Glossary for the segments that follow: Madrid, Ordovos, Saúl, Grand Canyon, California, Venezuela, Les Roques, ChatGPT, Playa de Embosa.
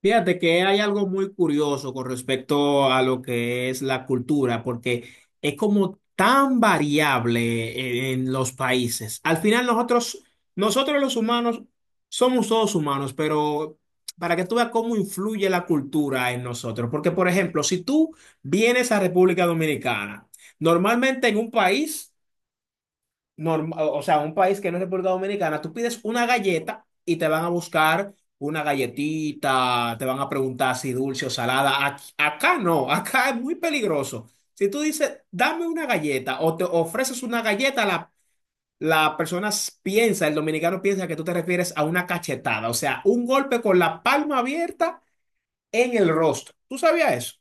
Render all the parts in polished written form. Fíjate que hay algo muy curioso con respecto a lo que es la cultura, porque es como tan variable en los países. Al final nosotros los humanos somos todos humanos, pero para que tú veas cómo influye la cultura en nosotros. Porque, por ejemplo, si tú vienes a República Dominicana, normalmente en un país o sea, un país que no es República Dominicana, tú pides una galleta y te van a buscar una galletita, te van a preguntar si dulce o salada. Acá no, acá es muy peligroso. Si tú dices, dame una galleta o te ofreces una galleta, la persona piensa, el dominicano piensa que tú te refieres a una cachetada, o sea, un golpe con la palma abierta en el rostro. ¿Tú sabías eso?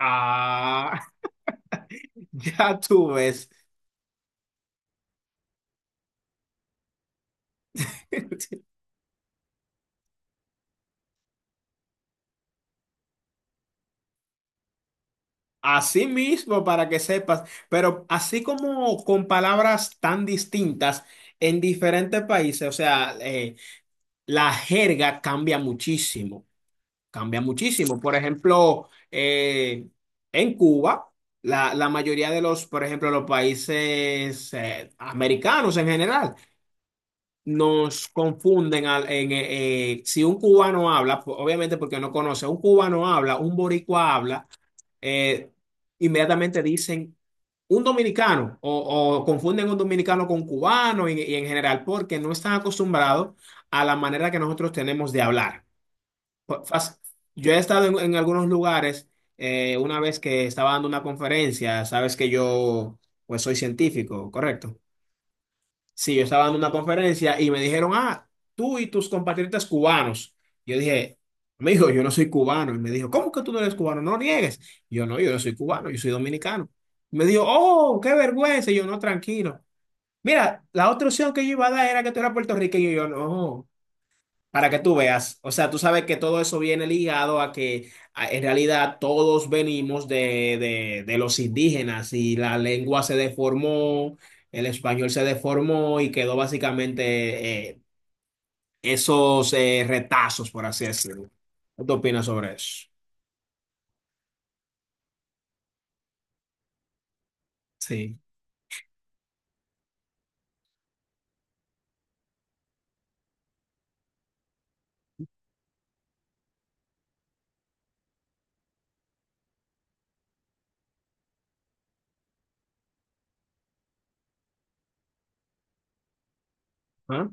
Ah, ya tú ves. Así mismo, para que sepas, pero así como con palabras tan distintas en diferentes países, o sea, la jerga cambia muchísimo, cambia muchísimo. Por ejemplo, en Cuba, la mayoría de los, por ejemplo, los países americanos en general, nos confunden si un cubano habla, obviamente porque no conoce, un cubano habla, un boricua habla. eh, inmediatamente dicen un dominicano o confunden un dominicano con cubano y en general porque no están acostumbrados a la manera que nosotros tenemos de hablar. Fa- fas- Yo he estado en algunos lugares, una vez que estaba dando una conferencia, sabes que yo pues soy científico, ¿correcto? Sí, yo estaba dando una conferencia y me dijeron, ah, tú y tus compatriotas cubanos. Yo dije, amigo, yo no soy cubano. Y me dijo, ¿cómo que tú no eres cubano? No niegues. Yo no soy cubano, yo soy dominicano. Me dijo, oh, qué vergüenza. Y yo no, tranquilo. Mira, la otra opción que yo iba a dar era que tú eras puertorriqueño. Y yo no. Para que tú veas, o sea, tú sabes que todo eso viene ligado a que en realidad todos venimos de, de los indígenas y la lengua se deformó, el español se deformó y quedó básicamente esos retazos, por así decirlo. ¿Qué tú opinas sobre eso? Sí. ¿Ah?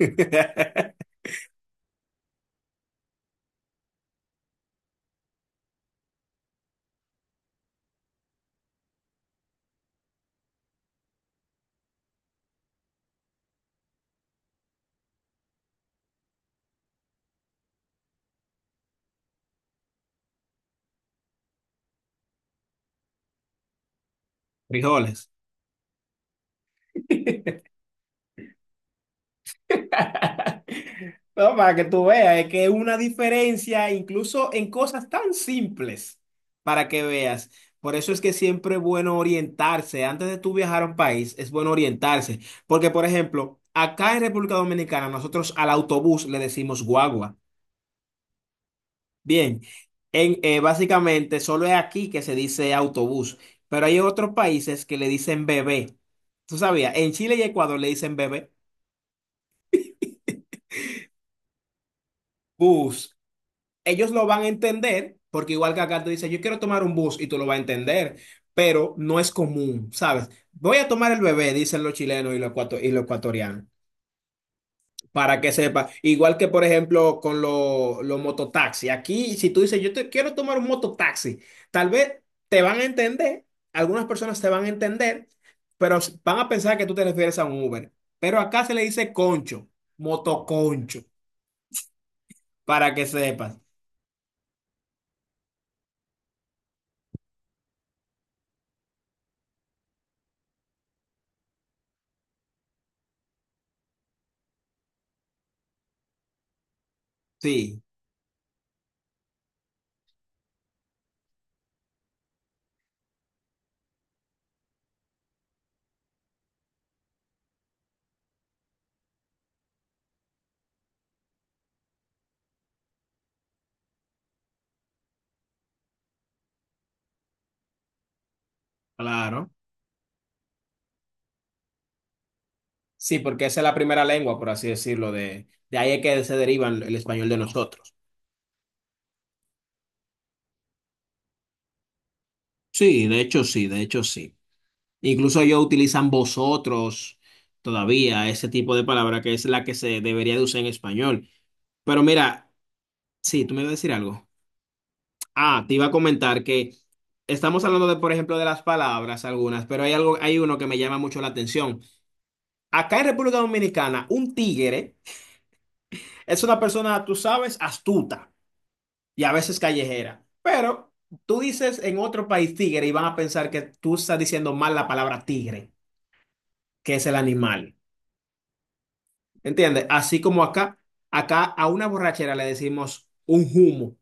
Frijoles. No, para que tú veas, es que es una diferencia incluso en cosas tan simples, para que veas. Por eso es que siempre es bueno orientarse. Antes de tú viajar a un país, es bueno orientarse. Porque, por ejemplo, acá en República Dominicana, nosotros al autobús le decimos guagua. Bien, básicamente solo es aquí que se dice autobús, pero hay otros países que le dicen bebé. ¿Tú sabías? En Chile y Ecuador le dicen bebé. Bus. Ellos lo van a entender, porque igual que acá tú dices, yo quiero tomar un bus y tú lo vas a entender, pero no es común, ¿sabes? Voy a tomar el bebé, dicen los chilenos y y los ecuatorianos, para que sepa. Igual que, por ejemplo, con los mototaxis. Aquí, si tú dices, yo te quiero tomar un mototaxi, tal vez te van a entender, algunas personas te van a entender, pero van a pensar que tú te refieres a un Uber. Pero acá se le dice concho, motoconcho, para que sepas. Sí, claro. Sí, porque esa es la primera lengua, por así decirlo, de ahí es que se deriva el español de nosotros. Sí, de hecho sí, de hecho sí. Incluso ellos utilizan vosotros todavía, ese tipo de palabra que es la que se debería de usar en español. Pero mira, sí, tú me ibas a decir algo. Ah, te iba a comentar que estamos hablando de, por ejemplo, de las palabras algunas, pero hay algo, hay uno que me llama mucho la atención. Acá en República Dominicana, un tigre es una persona, tú sabes, astuta. Y a veces callejera. Pero tú dices en otro país tigre y van a pensar que tú estás diciendo mal la palabra tigre, que es el animal. ¿Entiendes? Así como acá, acá a una borrachera le decimos un humo.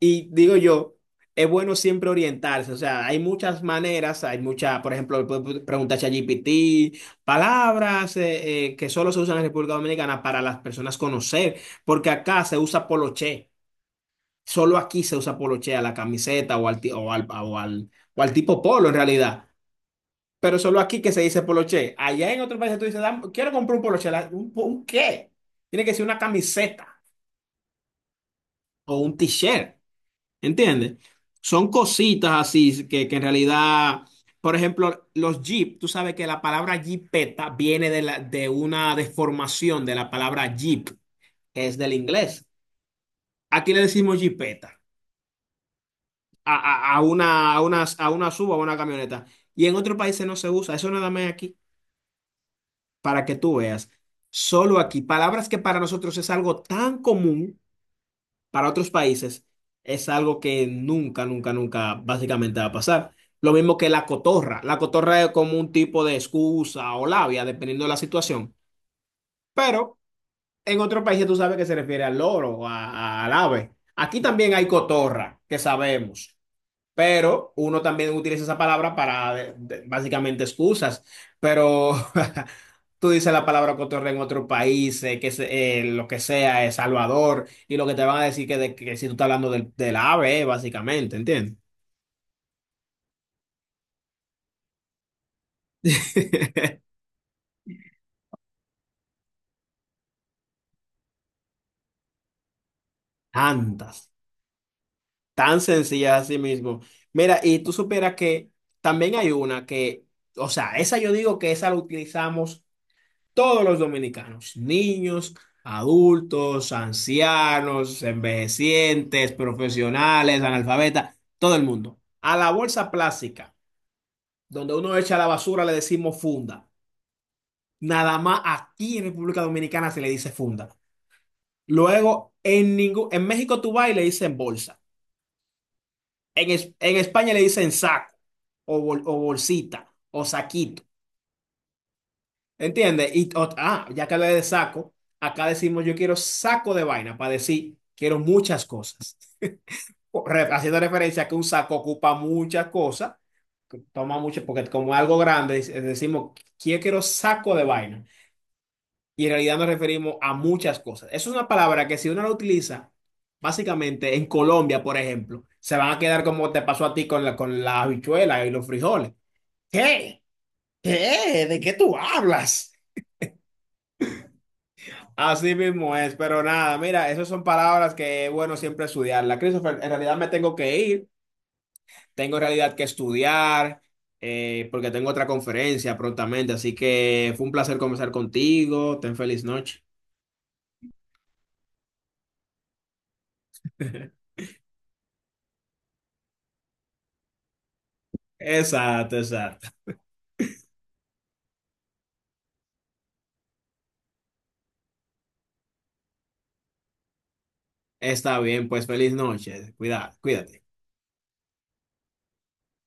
Y digo yo, es bueno siempre orientarse. O sea, hay muchas maneras, hay muchas, por ejemplo, puedes preguntar a ChatGPT, palabras que solo se usan en República Dominicana para las personas conocer, porque acá se usa poloché. Solo aquí se usa poloche a la camiseta o al tipo polo en realidad. Pero solo aquí que se dice poloche. Allá en otros países tú dices, quiero comprar un poloche". ¿Un, un qué? Tiene que ser una camiseta o un t-shirt. ¿Entiendes? Son cositas así que en realidad, por ejemplo, los jeep, tú sabes que la palabra jeepeta viene de una deformación de la palabra jeep, que es del inglés. Aquí le decimos jeepeta. A una suba o a una camioneta. Y en otros países no se usa, eso nada más aquí, para que tú veas. Solo aquí, palabras que para nosotros es algo tan común, para otros países es algo que nunca, nunca, nunca básicamente va a pasar. Lo mismo que la cotorra. La cotorra es como un tipo de excusa o labia, dependiendo de la situación. Pero en otros países tú sabes que se refiere al loro, al ave. Aquí también hay cotorra, que sabemos. Pero uno también utiliza esa palabra para básicamente excusas, pero tú dices la palabra cotorra en otro país, lo que sea, El Salvador, y lo que te van a decir que, que si tú estás hablando del ave, básicamente, ¿entiendes? Tantas, tan sencillas así mismo. Mira, y tú supieras que también hay una que, o sea, esa yo digo que esa la utilizamos todos los dominicanos, niños, adultos, ancianos, envejecientes, profesionales, analfabetas, todo el mundo. A la bolsa plástica, donde uno echa la basura, le decimos funda. Nada más aquí en República Dominicana se le dice funda. Luego, en México tú vas y le dicen bolsa. En España le dicen saco o o bolsita o saquito. ¿Entiendes? Y ah, ya que hablé de saco, acá decimos yo quiero saco de vaina para decir quiero muchas cosas. Haciendo referencia a que un saco ocupa muchas cosas, que toma mucho, porque como es algo grande, decimos yo quiero saco de vaina. Y en realidad nos referimos a muchas cosas. Eso es una palabra que si uno la utiliza, básicamente en Colombia, por ejemplo, se van a quedar como te pasó a ti con con la habichuela y los frijoles. ¿Qué? ¿Qué? ¿De qué tú hablas? Así mismo es, pero nada, mira, esas son palabras que es bueno siempre estudiarlas. Christopher, en realidad me tengo que ir, tengo en realidad que estudiar, porque tengo otra conferencia prontamente, así que fue un placer conversar contigo, ten feliz noche. Exacto, exacto. Está bien, pues feliz noche, cuidado, cuídate.